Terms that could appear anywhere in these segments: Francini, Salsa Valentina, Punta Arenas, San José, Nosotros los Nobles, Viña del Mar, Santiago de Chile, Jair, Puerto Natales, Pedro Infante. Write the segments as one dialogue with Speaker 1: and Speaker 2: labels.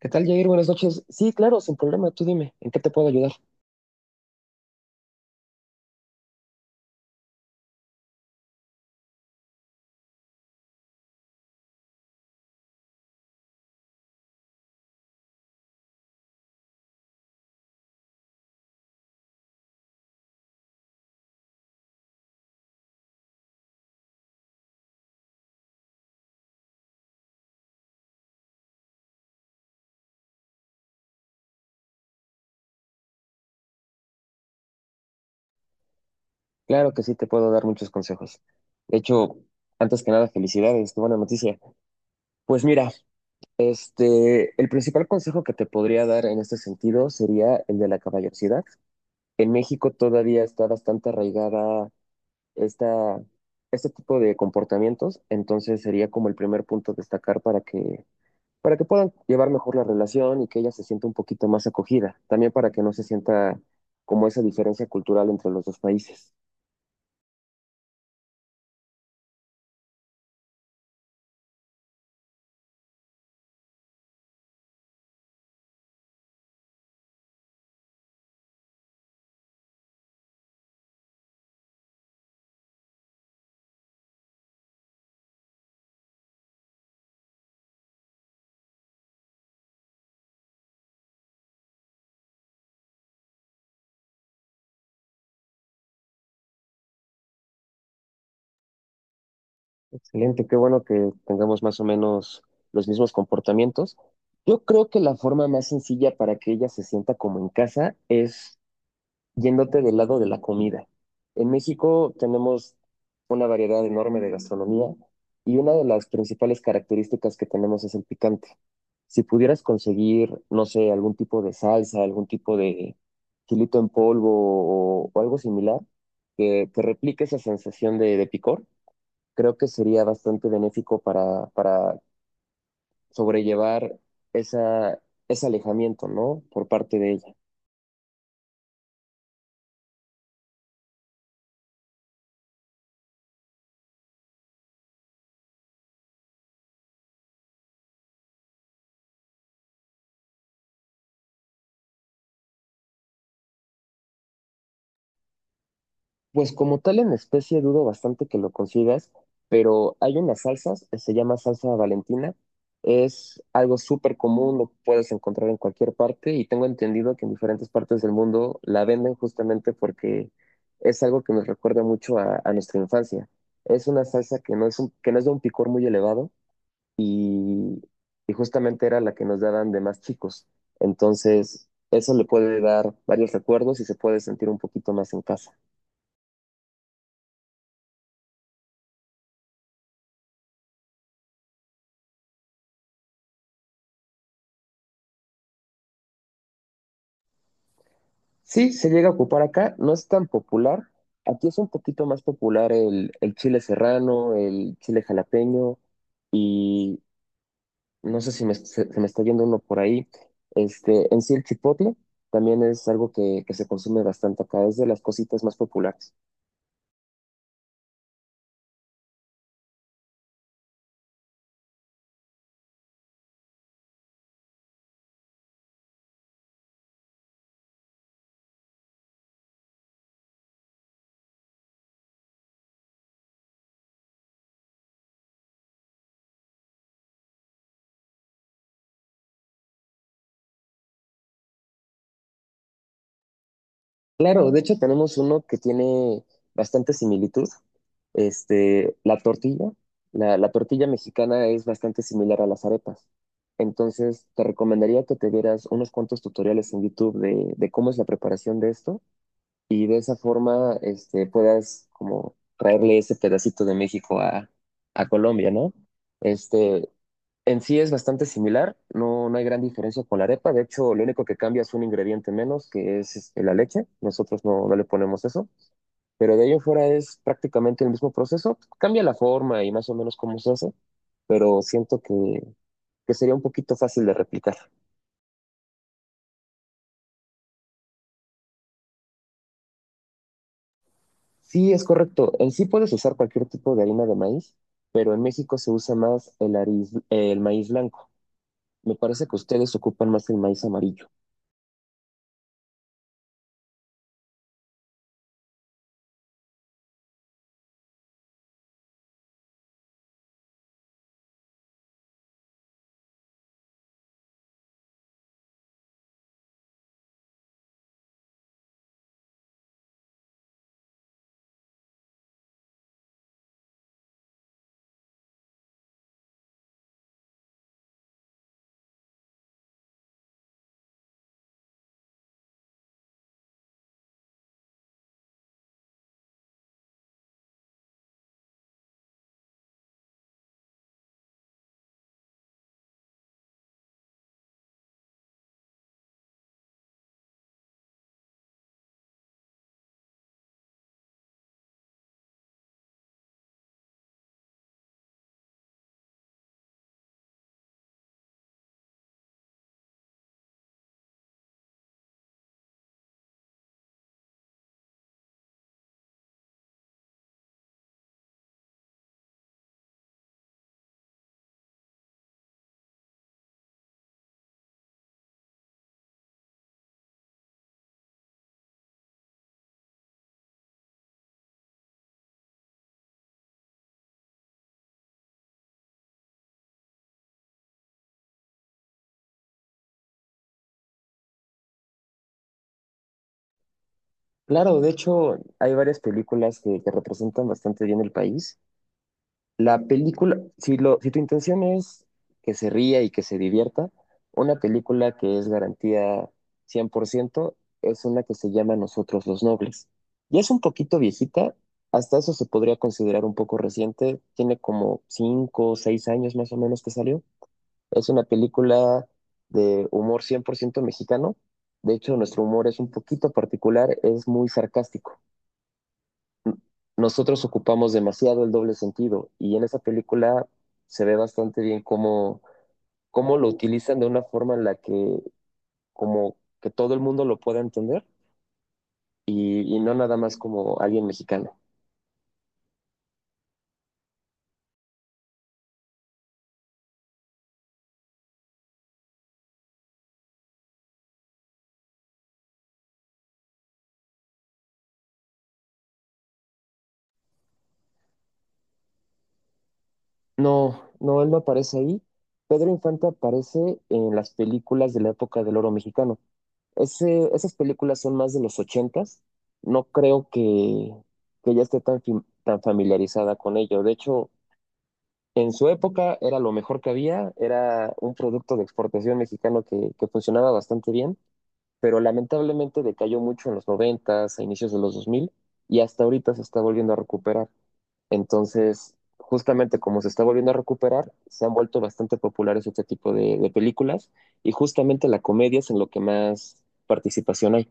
Speaker 1: ¿Qué tal, Jair? Buenas noches. Sí, claro, sin problema. Tú dime, ¿en qué te puedo ayudar? Claro que sí, te puedo dar muchos consejos. De hecho, antes que nada, felicidades, qué buena noticia. Pues mira, el principal consejo que te podría dar en este sentido sería el de la caballerosidad. En México todavía está bastante arraigada esta, este tipo de comportamientos, entonces sería como el primer punto a destacar para que puedan llevar mejor la relación y que ella se sienta un poquito más acogida, también para que no se sienta como esa diferencia cultural entre los dos países. Excelente, qué bueno que tengamos más o menos los mismos comportamientos. Yo creo que la forma más sencilla para que ella se sienta como en casa es yéndote del lado de la comida. En México tenemos una variedad enorme de gastronomía y una de las principales características que tenemos es el picante. Si pudieras conseguir, no sé, algún tipo de salsa, algún tipo de chilito en polvo o algo similar que replique esa sensación de picor, creo que sería bastante benéfico para sobrellevar esa, ese alejamiento, ¿no? Por parte de ella. Pues como tal en especie dudo bastante que lo consigas, pero hay unas salsas, se llama salsa Valentina, es algo súper común, lo puedes encontrar en cualquier parte y tengo entendido que en diferentes partes del mundo la venden justamente porque es algo que nos recuerda mucho a nuestra infancia. Es una salsa que que no es de un picor muy elevado y, y justamente era la que nos daban de más chicos. Entonces, eso le puede dar varios recuerdos y se puede sentir un poquito más en casa. Sí, se llega a ocupar acá, no es tan popular. Aquí es un poquito más popular el chile serrano, el chile jalapeño y no sé si se me está yendo uno por ahí. Este, en sí el chipotle también es algo que se consume bastante acá, es de las cositas más populares. Claro, de hecho tenemos uno que tiene bastante similitud. Este, la tortilla, la tortilla mexicana es bastante similar a las arepas. Entonces, te recomendaría que te vieras unos cuantos tutoriales en YouTube de cómo es la preparación de esto y de esa forma este, puedas como traerle ese pedacito de México a Colombia, ¿no? Este, en sí es bastante similar, no, no hay gran diferencia con la arepa, de hecho lo único que cambia es un ingrediente menos, que es este, la leche, nosotros no, no le ponemos eso, pero de ello en fuera es prácticamente el mismo proceso, cambia la forma y más o menos cómo se hace, pero siento que sería un poquito fácil de replicar. Sí, es correcto. En sí puedes usar cualquier tipo de harina de maíz, pero en México se usa más el maíz blanco. Me parece que ustedes ocupan más el maíz amarillo. Claro, de hecho, hay varias películas que representan bastante bien el país. La película, si, lo, si tu intención es que se ría y que se divierta, una película que es garantía 100% es una que se llama Nosotros los Nobles. Ya es un poquito viejita, hasta eso se podría considerar un poco reciente, tiene como 5 o 6 años más o menos que salió. Es una película de humor 100% mexicano, de hecho nuestro humor es un poquito particular, es muy sarcástico, nosotros ocupamos demasiado el doble sentido y en esa película se ve bastante bien cómo, cómo lo utilizan de una forma en la que como que todo el mundo lo pueda entender y no nada más como alguien mexicano. No, no, él no aparece ahí. Pedro Infante aparece en las películas de la época del oro mexicano. Esas películas son más de los ochentas. No creo que ya esté tan, tan familiarizada con ello. De hecho, en su época era lo mejor que había, era un producto de exportación mexicano que funcionaba bastante bien, pero lamentablemente decayó mucho en los noventas, a inicios de los 2000 y hasta ahorita se está volviendo a recuperar. Entonces, justamente como se está volviendo a recuperar, se han vuelto bastante populares este tipo de películas y justamente la comedia es en lo que más participación hay.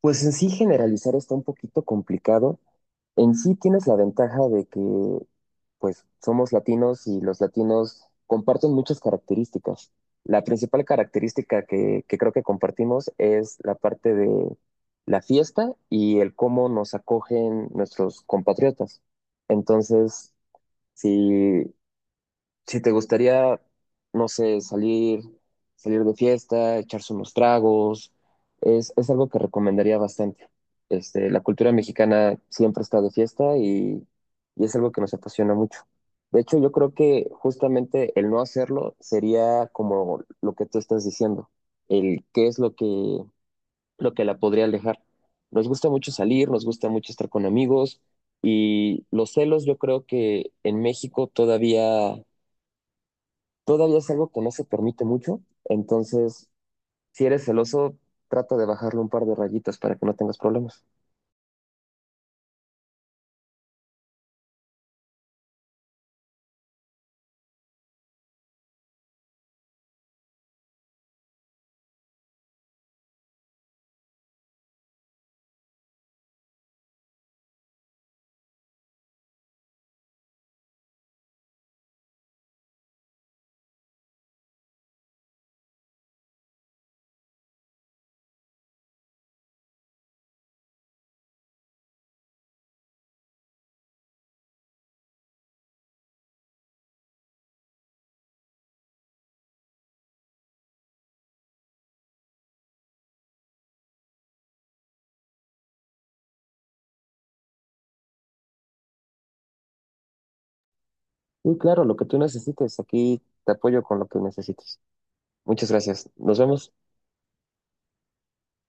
Speaker 1: Pues en sí generalizar está un poquito complicado. En sí tienes la ventaja de que, pues, somos latinos y los latinos comparten muchas características. La principal característica que creo que compartimos es la parte de la fiesta y el cómo nos acogen nuestros compatriotas. Entonces, si si te gustaría, no sé, salir de fiesta, echarse unos tragos, es algo que recomendaría bastante. Este, la cultura mexicana siempre está de fiesta y es algo que nos apasiona mucho. De hecho, yo creo que justamente el no hacerlo sería como lo que tú estás diciendo, el qué es lo lo que la podría alejar. Nos gusta mucho salir, nos gusta mucho estar con amigos y los celos yo creo que en México todavía es algo que no se permite mucho, entonces si eres celoso, trata de bajarle un par de rayitas para que no tengas problemas. Y claro, lo que tú necesites, aquí te apoyo con lo que necesites. Muchas gracias. Nos vemos.